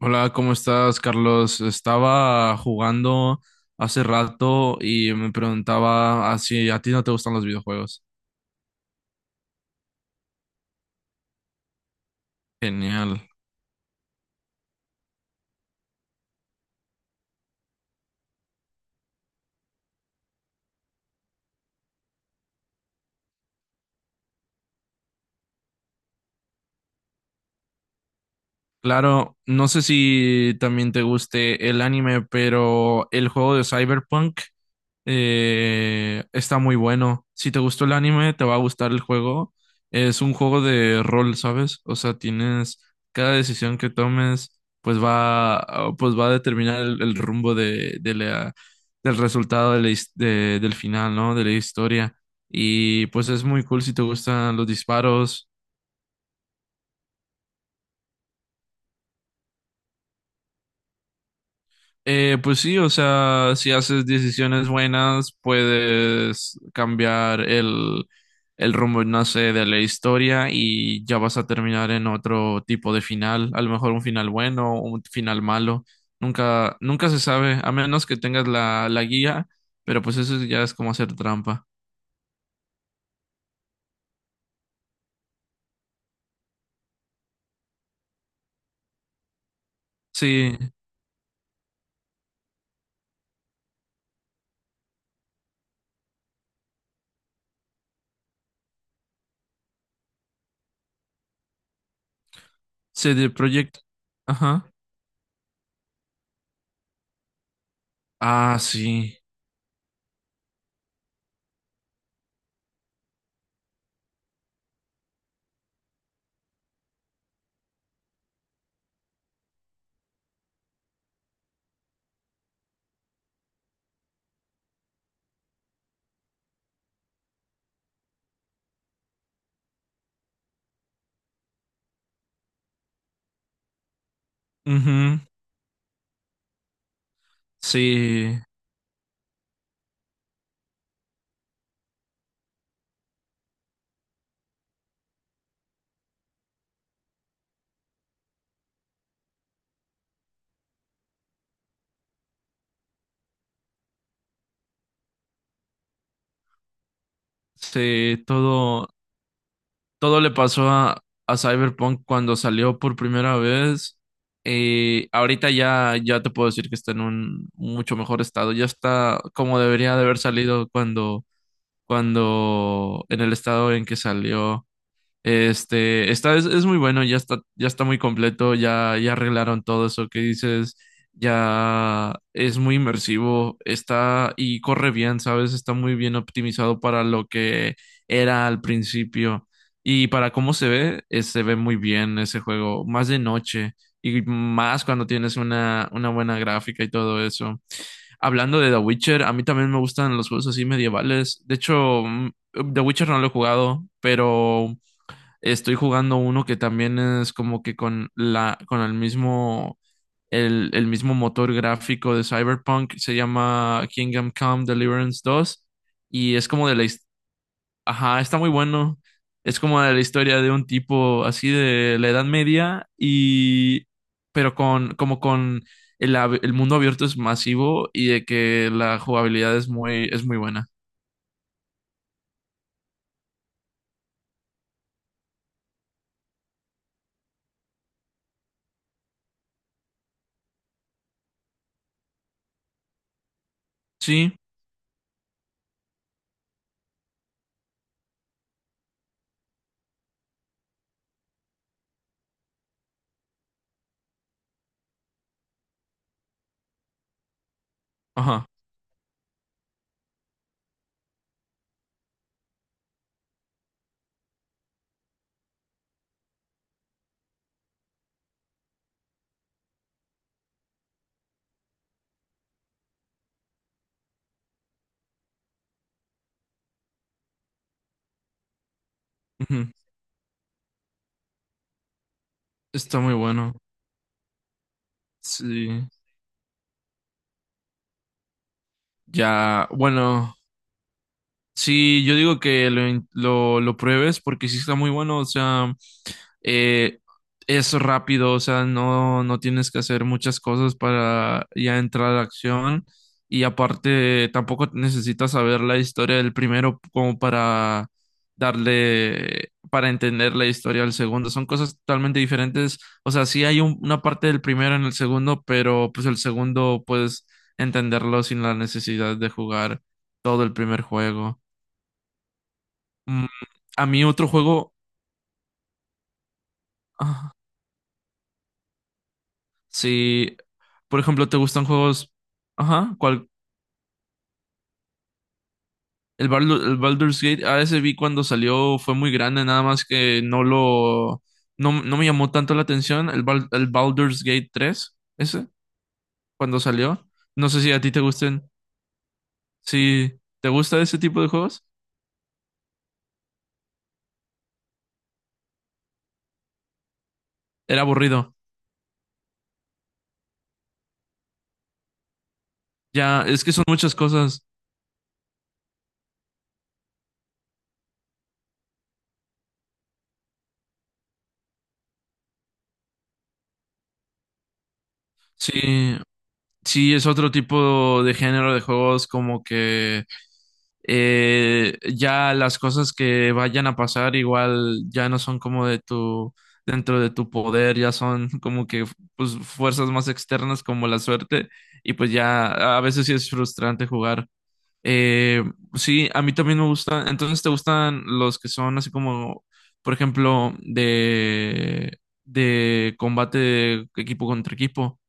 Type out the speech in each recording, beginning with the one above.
Hola, ¿cómo estás, Carlos? Estaba jugando hace rato y me preguntaba si a ti no te gustan los videojuegos. Genial. Claro, no sé si también te guste el anime, pero el juego de Cyberpunk está muy bueno. Si te gustó el anime, te va a gustar el juego. Es un juego de rol, ¿sabes? O sea, tienes cada decisión que tomes, pues pues va a determinar el rumbo de del resultado de la del final, ¿no? De la historia. Y pues es muy cool si te gustan los disparos. Pues sí, o sea, si haces decisiones buenas, puedes cambiar el rumbo, no sé, de la historia y ya vas a terminar en otro tipo de final, a lo mejor un final bueno o un final malo, nunca, nunca se sabe, a menos que tengas la guía, pero pues eso ya es como hacer trampa. Sí, CD Projekt, ajá. Ah, sí. Ujú. Sí, sí, todo. Todo le pasó a Cyberpunk cuando salió por primera vez. Ahorita ya te puedo decir que está en un mucho mejor estado. Ya está como debería de haber salido cuando en el estado en que salió. Este, está, es muy bueno, ya está muy completo, ya, ya arreglaron todo eso que dices, ya es muy inmersivo, está y corre bien, ¿sabes? Está muy bien optimizado para lo que era al principio y para cómo se ve muy bien ese juego, más de noche y más cuando tienes una buena gráfica y todo eso. Hablando de The Witcher, a mí también me gustan los juegos así medievales. De hecho, The Witcher no lo he jugado, pero estoy jugando uno que también es como que con con el mismo, el mismo motor gráfico de Cyberpunk. Se llama Kingdom Come Deliverance 2. Y es como de ajá, está muy bueno. Es como de la historia de un tipo así de la Edad Media y, pero con, como con el mundo abierto es masivo y de que la jugabilidad es muy buena. Sí, ajá. Ujú. Está muy bueno. Sí. Ya, bueno. Sí, yo digo que lo pruebes porque sí está muy bueno, o sea, eh, es rápido, o sea, no, no tienes que hacer muchas cosas para ya entrar a la acción y aparte tampoco necesitas saber la historia del primero como para darle, para entender la historia del segundo, son cosas totalmente diferentes, o sea, sí hay una parte del primero en el segundo, pero pues el segundo puedes entenderlo sin la necesidad de jugar todo el primer juego. Mm, a mí otro juego, ah, sí, por ejemplo, ¿te gustan juegos? Ajá, ¿cuál? El Baldur's Gate, a ese vi cuando salió, fue muy grande, nada más que no no me llamó tanto la atención, el Baldur's Gate 3 ese, cuando salió. No sé si a ti te gusten, si te gusta ese tipo de juegos, era aburrido. Ya, es que son muchas cosas. Sí, sí es otro tipo de género de juegos como que ya las cosas que vayan a pasar igual ya no son como de tu dentro de tu poder, ya son como que pues fuerzas más externas como la suerte y pues ya a veces sí es frustrante jugar. Eh, sí, a mí también me gusta. Entonces, ¿te gustan los que son así como, por ejemplo, de combate de equipo contra equipo?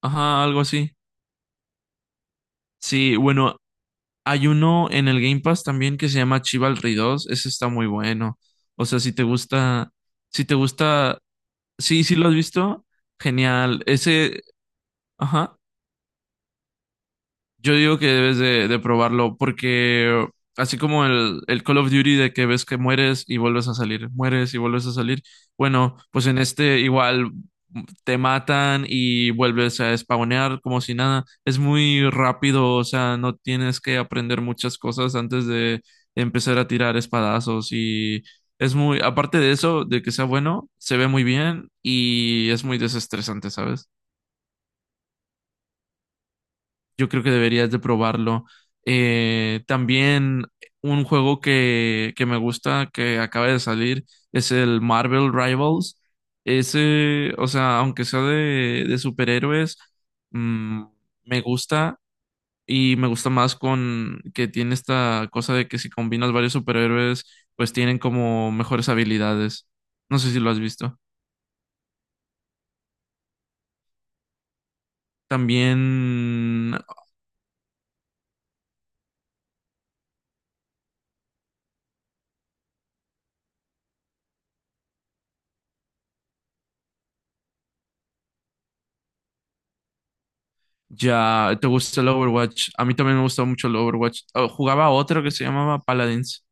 Ajá, algo así. Sí, bueno, hay uno en el Game Pass también que se llama Chivalry 2, ese está muy bueno. O sea, si te gusta, sí, sí lo has visto, genial. Ese, ajá. Yo digo que debes de probarlo porque así como el Call of Duty de que ves que mueres y vuelves a salir, mueres y vuelves a salir, bueno, pues en este igual te matan y vuelves a spawnear como si nada. Es muy rápido, o sea, no tienes que aprender muchas cosas antes de empezar a tirar espadazos y es muy, aparte de eso, de que sea bueno, se ve muy bien y es muy desestresante, ¿sabes? Yo creo que deberías de probarlo. También un juego que me gusta, que acaba de salir, es el Marvel Rivals. Ese, o sea, aunque sea de superhéroes, mm, me gusta y me gusta más con que tiene esta cosa de que si combinas varios superhéroes, pues tienen como mejores habilidades. No sé si lo has visto. También ya, ¿te gusta el Overwatch? A mí también me gustaba mucho el Overwatch. Oh, jugaba otro que se llamaba Paladins.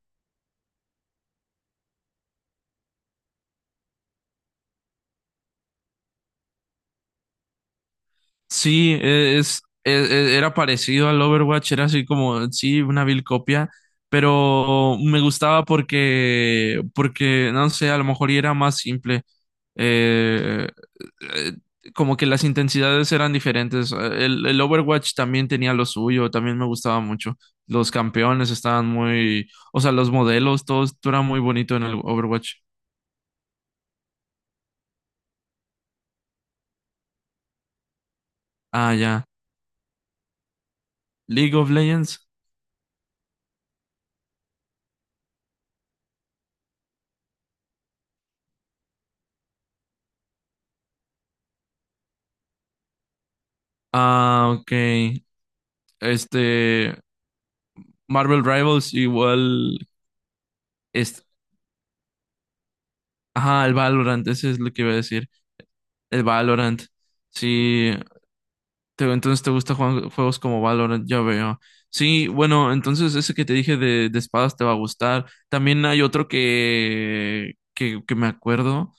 Sí, e- es, e- era parecido al Overwatch, era así como, sí, una vil copia, pero me gustaba porque, porque, no sé, a lo mejor y era más simple. Eh, eh, como que las intensidades eran diferentes. El Overwatch también tenía lo suyo, también me gustaba mucho. Los campeones estaban muy, o sea, los modelos, todo, todo era muy bonito en el Overwatch. Ah, ya. League of Legends. Ah, ok. Este, Marvel Rivals igual es, ajá, el Valorant, ese es lo que iba a decir. El Valorant. Sí, te- entonces te gusta jugar juegos como Valorant, ya veo. Sí, bueno, entonces ese que te dije de espadas te va a gustar. También hay otro que me acuerdo.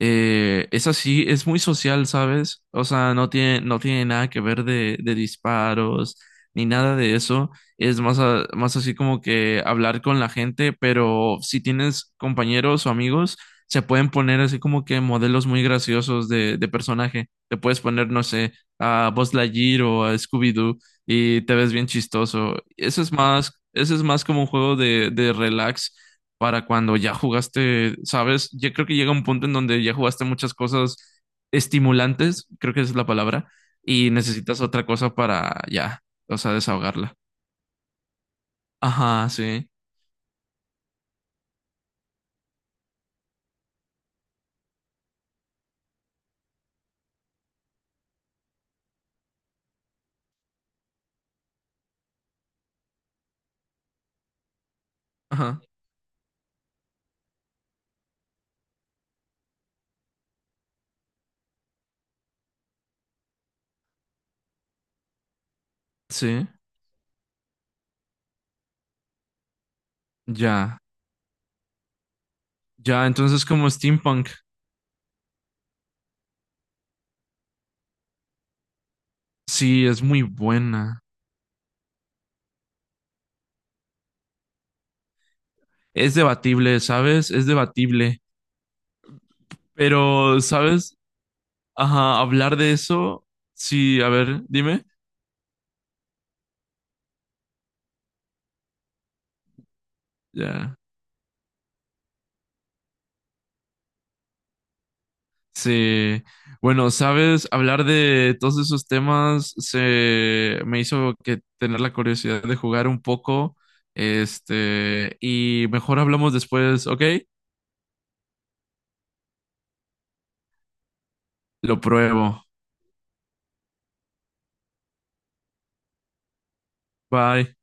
Es así, es muy social, ¿sabes? O sea, no tiene nada que ver de disparos ni nada de eso. Es más, más así como que hablar con la gente, pero si tienes compañeros o amigos, se pueden poner así como que modelos muy graciosos de personaje. Te puedes poner, no sé a Buzz Lightyear o a Scooby-Doo y te ves bien chistoso. Eso es más como un juego de relax para cuando ya jugaste, ¿sabes? Yo creo que llega un punto en donde ya jugaste muchas cosas estimulantes, creo que esa es la palabra, y necesitas otra cosa para ya, o sea, desahogarla. Ajá, sí. Ajá, sí. Ya. Ya, entonces como Steampunk, sí, es muy buena. Es debatible, ¿sabes? Es debatible. Pero, ¿sabes? Ajá, hablar de eso. Sí, a ver, dime. Ya. Sí. Bueno, sabes, hablar de todos esos temas se me hizo que tener la curiosidad de jugar un poco. Este, y mejor hablamos después, ¿ok? Lo pruebo. Bye.